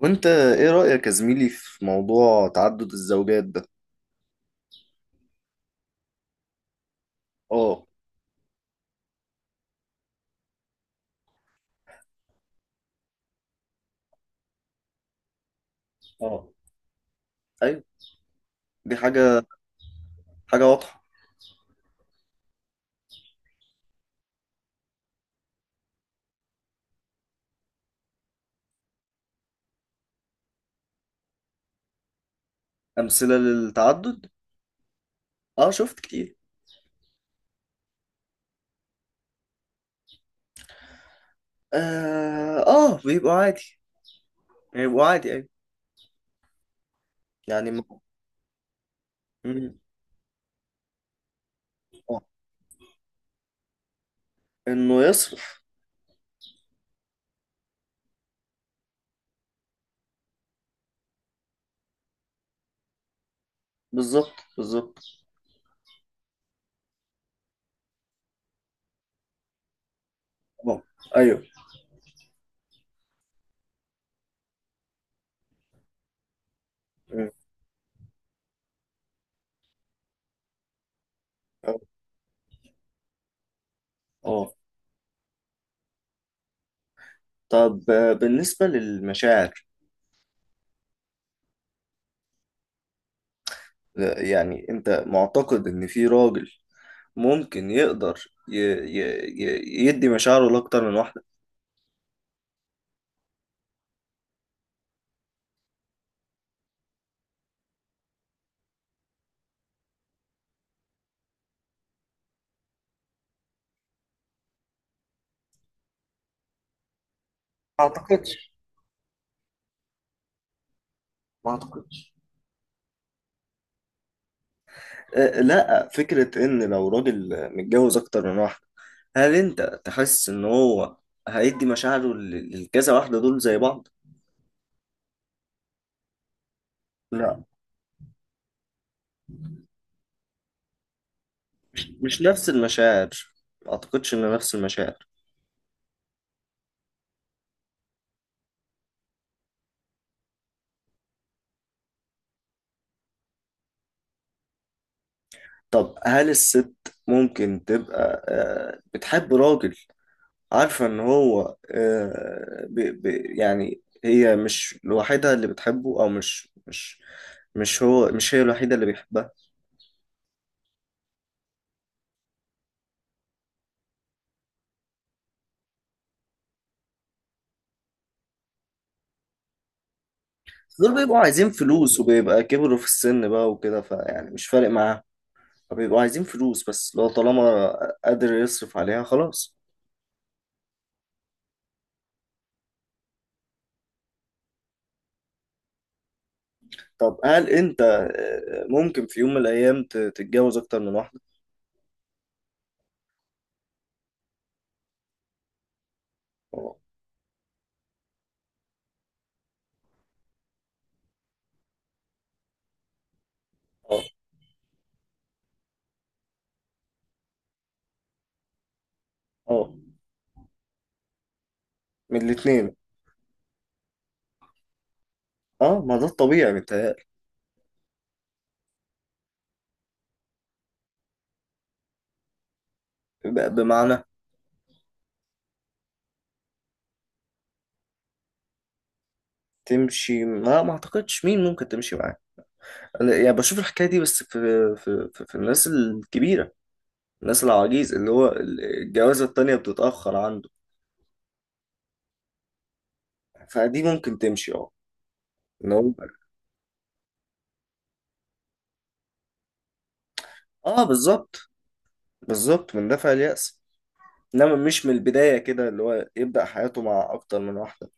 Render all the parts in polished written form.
وانت ايه رأيك يا زميلي في موضوع تعدد الزوجات ده؟ اه. اه، ايوه. دي حاجة واضحة. أمثلة للتعدد. اه، شفت كتير. اه، آه، بيبقوا عادي. بيبقوا عادي، ايوه. يعني م- آه. انه يصرف. بالظبط، بالظبط. اه، ايوه. م- اه آه. طب، بالنسبة للمشاعر. لا، يعني انت معتقد ان في راجل ممكن يقدر يدي مشاعره لأكتر من واحدة؟ أعتقد ما اعتقدش. لا، فكرة ان لو راجل متجوز اكتر من واحدة، هل انت تحس ان هو هيدي مشاعره للكذا واحدة دول زي بعض؟ لا، مش نفس المشاعر. ما اعتقدش ان نفس المشاعر. طب هل الست ممكن تبقى بتحب راجل عارفة ان هو يعني هي مش لوحدها اللي بتحبه، او مش مش مش هو مش هي الوحيدة اللي بيحبها. دول بيبقوا عايزين فلوس وبيبقى كبروا في السن بقى وكده، فيعني مش فارق معاهم. فبيبقوا عايزين فلوس بس، لو طالما قادر يصرف عليها خلاص. طب هل انت ممكن في يوم من الايام تتجوز اكتر من واحدة؟ اه، اه، اه. من الاتنين. اه، ما ده الطبيعي متهيألي. بمعنى. تمشي؟ ما اعتقدش مين ممكن تمشي معاه. أنا يعني بشوف الحكاية دي بس في في الناس الكبيرة. الناس العواجيز اللي هو الجوازة التانية بتتأخر عنده، فدي ممكن تمشي، اه. ان هو. اه، بالظبط. بالظبط من دافع اليأس. انما مش من البداية كده اللي هو يبدأ حياته مع اكتر من واحدة.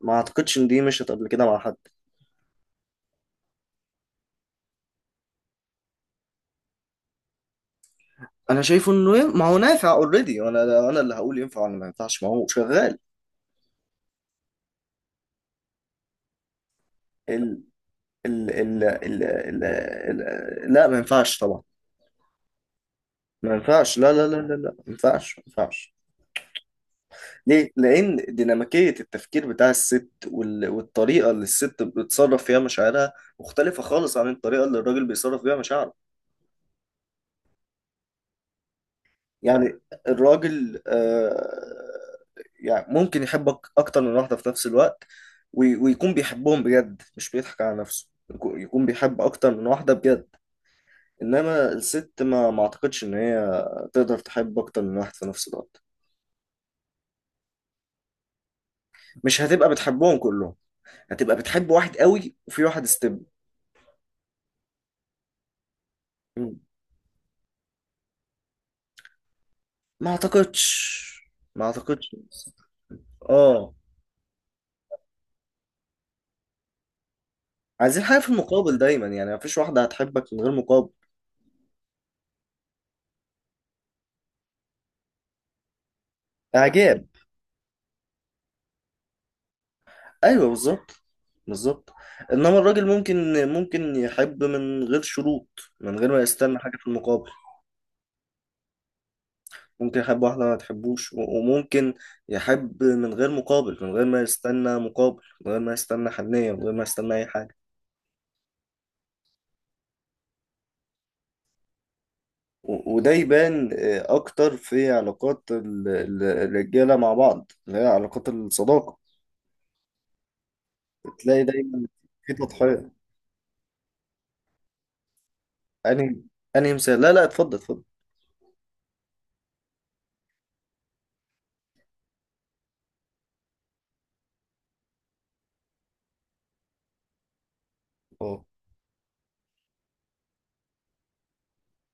ما اعتقدش ان دي مشت قبل كده مع حد. انا شايفه انه ما هو نافع اوريدي، وانا اللي هقول ينفع ولا ما ينفعش؟ ما هو شغال. ال ال ال ال ال ال لا، ما ينفعش طبعا. ما ينفعش. لا، لا، لا، لا، لا، ما ينفعش. ما ينفعش. ليه؟ لأن ديناميكية التفكير بتاع الست والطريقة اللي الست بتتصرف فيها مشاعرها مختلفة خالص عن الطريقة اللي الراجل بيصرف بيها مشاعره. يعني الراجل، يعني ممكن يحبك اكتر من واحدة في نفس الوقت ويكون بيحبهم بجد، مش بيضحك على نفسه، يكون بيحب اكتر من واحدة بجد. انما الست ما اعتقدش ان هي تقدر تحب اكتر من واحد في نفس الوقت. مش هتبقى بتحبهم كلهم، هتبقى بتحب واحد قوي وفي واحد استبن. ما اعتقدش، ما اعتقدش. اه. عايزين حاجة في المقابل دايما يعني، مفيش واحدة هتحبك من غير مقابل. اعجاب. ايوه، بالظبط. بالظبط. انما الراجل ممكن يحب من غير شروط. من غير ما يستنى حاجه في المقابل. ممكن يحب واحده ما تحبوش، وممكن يحب من غير مقابل، من غير ما يستنى مقابل، من غير ما يستنى حنيه، من غير ما يستنى اي حاجه. وده يبان اكتر في علاقات الرجاله مع بعض اللي هي علاقات الصداقه. بتلاقي دايما في تضحيه. انهي انهي مثال؟ لا، لا، اتفضل، اتفضل. اه،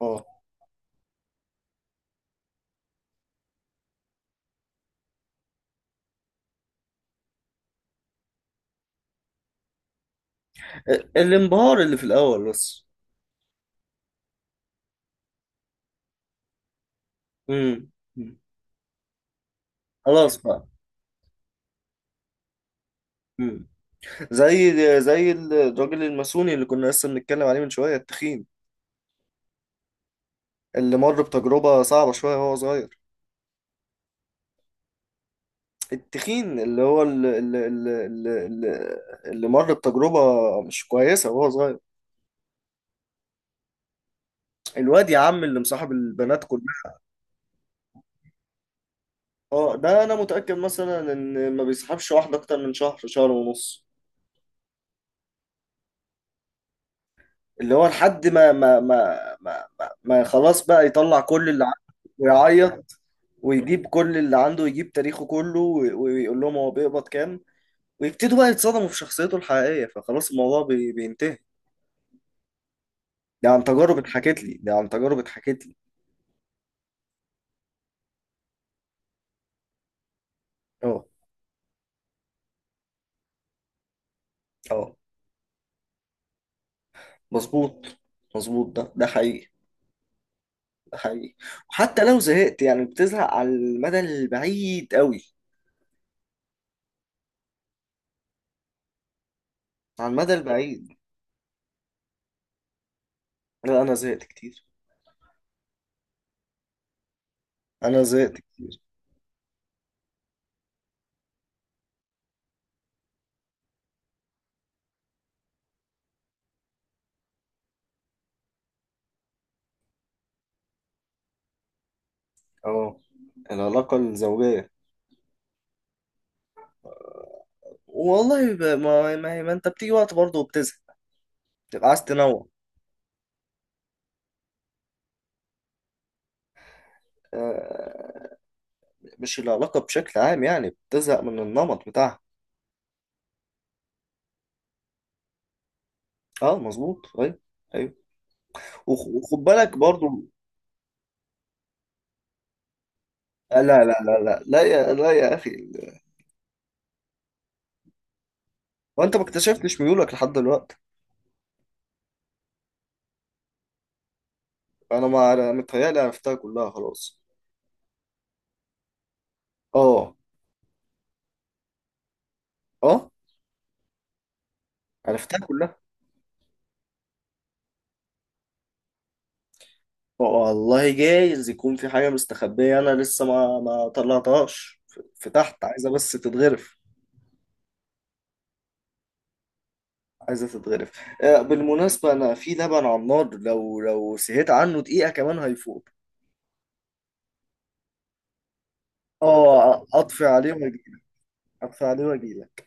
اه. الانبهار اللي في الاول بس. امم. خلاص بقى. امم. زي زي الراجل الماسوني اللي كنا لسه بنتكلم عليه من شوية، التخين. اللي مر بتجربة صعبة شوية وهو صغير. التخين اللي هو اللي, اللي مر بتجربة مش كويسة وهو صغير. الواد يا عم اللي مصاحب البنات كلها. اه، ده انا متأكد مثلا ان ما بيصاحبش واحدة اكتر من شهر، شهر ونص. اللي هو لحد ما خلاص بقى يطلع كل اللي عنده ويعيط. ويجيب كل اللي عنده ويجيب تاريخه كله، ويقول لهم هو بيقبض كام. ويبتدوا بقى يتصدموا في شخصيته الحقيقية، فخلاص الموضوع بينتهي. ده عن تجارب اتحكت لي، ده عن تجارب اتحكت لي. اه، اه، مظبوط، مظبوط. ده حقيقي، ده حقيقي. وحتى لو زهقت، يعني بتزهق على المدى البعيد قوي. على المدى البعيد. لا، انا زهقت كتير، انا زهقت كتير. اه. العلاقة الزوجية؟ والله، ما انت بتيجي وقت برضه وبتزهق. بتبقى عايز تنوع. آه، مش العلاقة بشكل عام، يعني بتزهق من النمط بتاعها. اه، مظبوط، ايوه. ايوه. وخد بالك برضه. لا، لا، لا، لا، لا، يا، لا يا اخي. وانت ما اكتشفتش ميولك لحد دلوقتي؟ انا ما متهيألي عرفتها كلها خلاص. اه. اه، عرفتها كلها. والله جايز يكون في حاجة مستخبية، أنا لسه ما طلعتهاش، في تحت، عايزة بس تتغرف. عايزة تتغرف. بالمناسبة أنا في لبن على النار، لو سهيت عنه دقيقة كمان هيفوت. اه، أطفي عليه وأجيلك. أطفي عليه وأجيلك.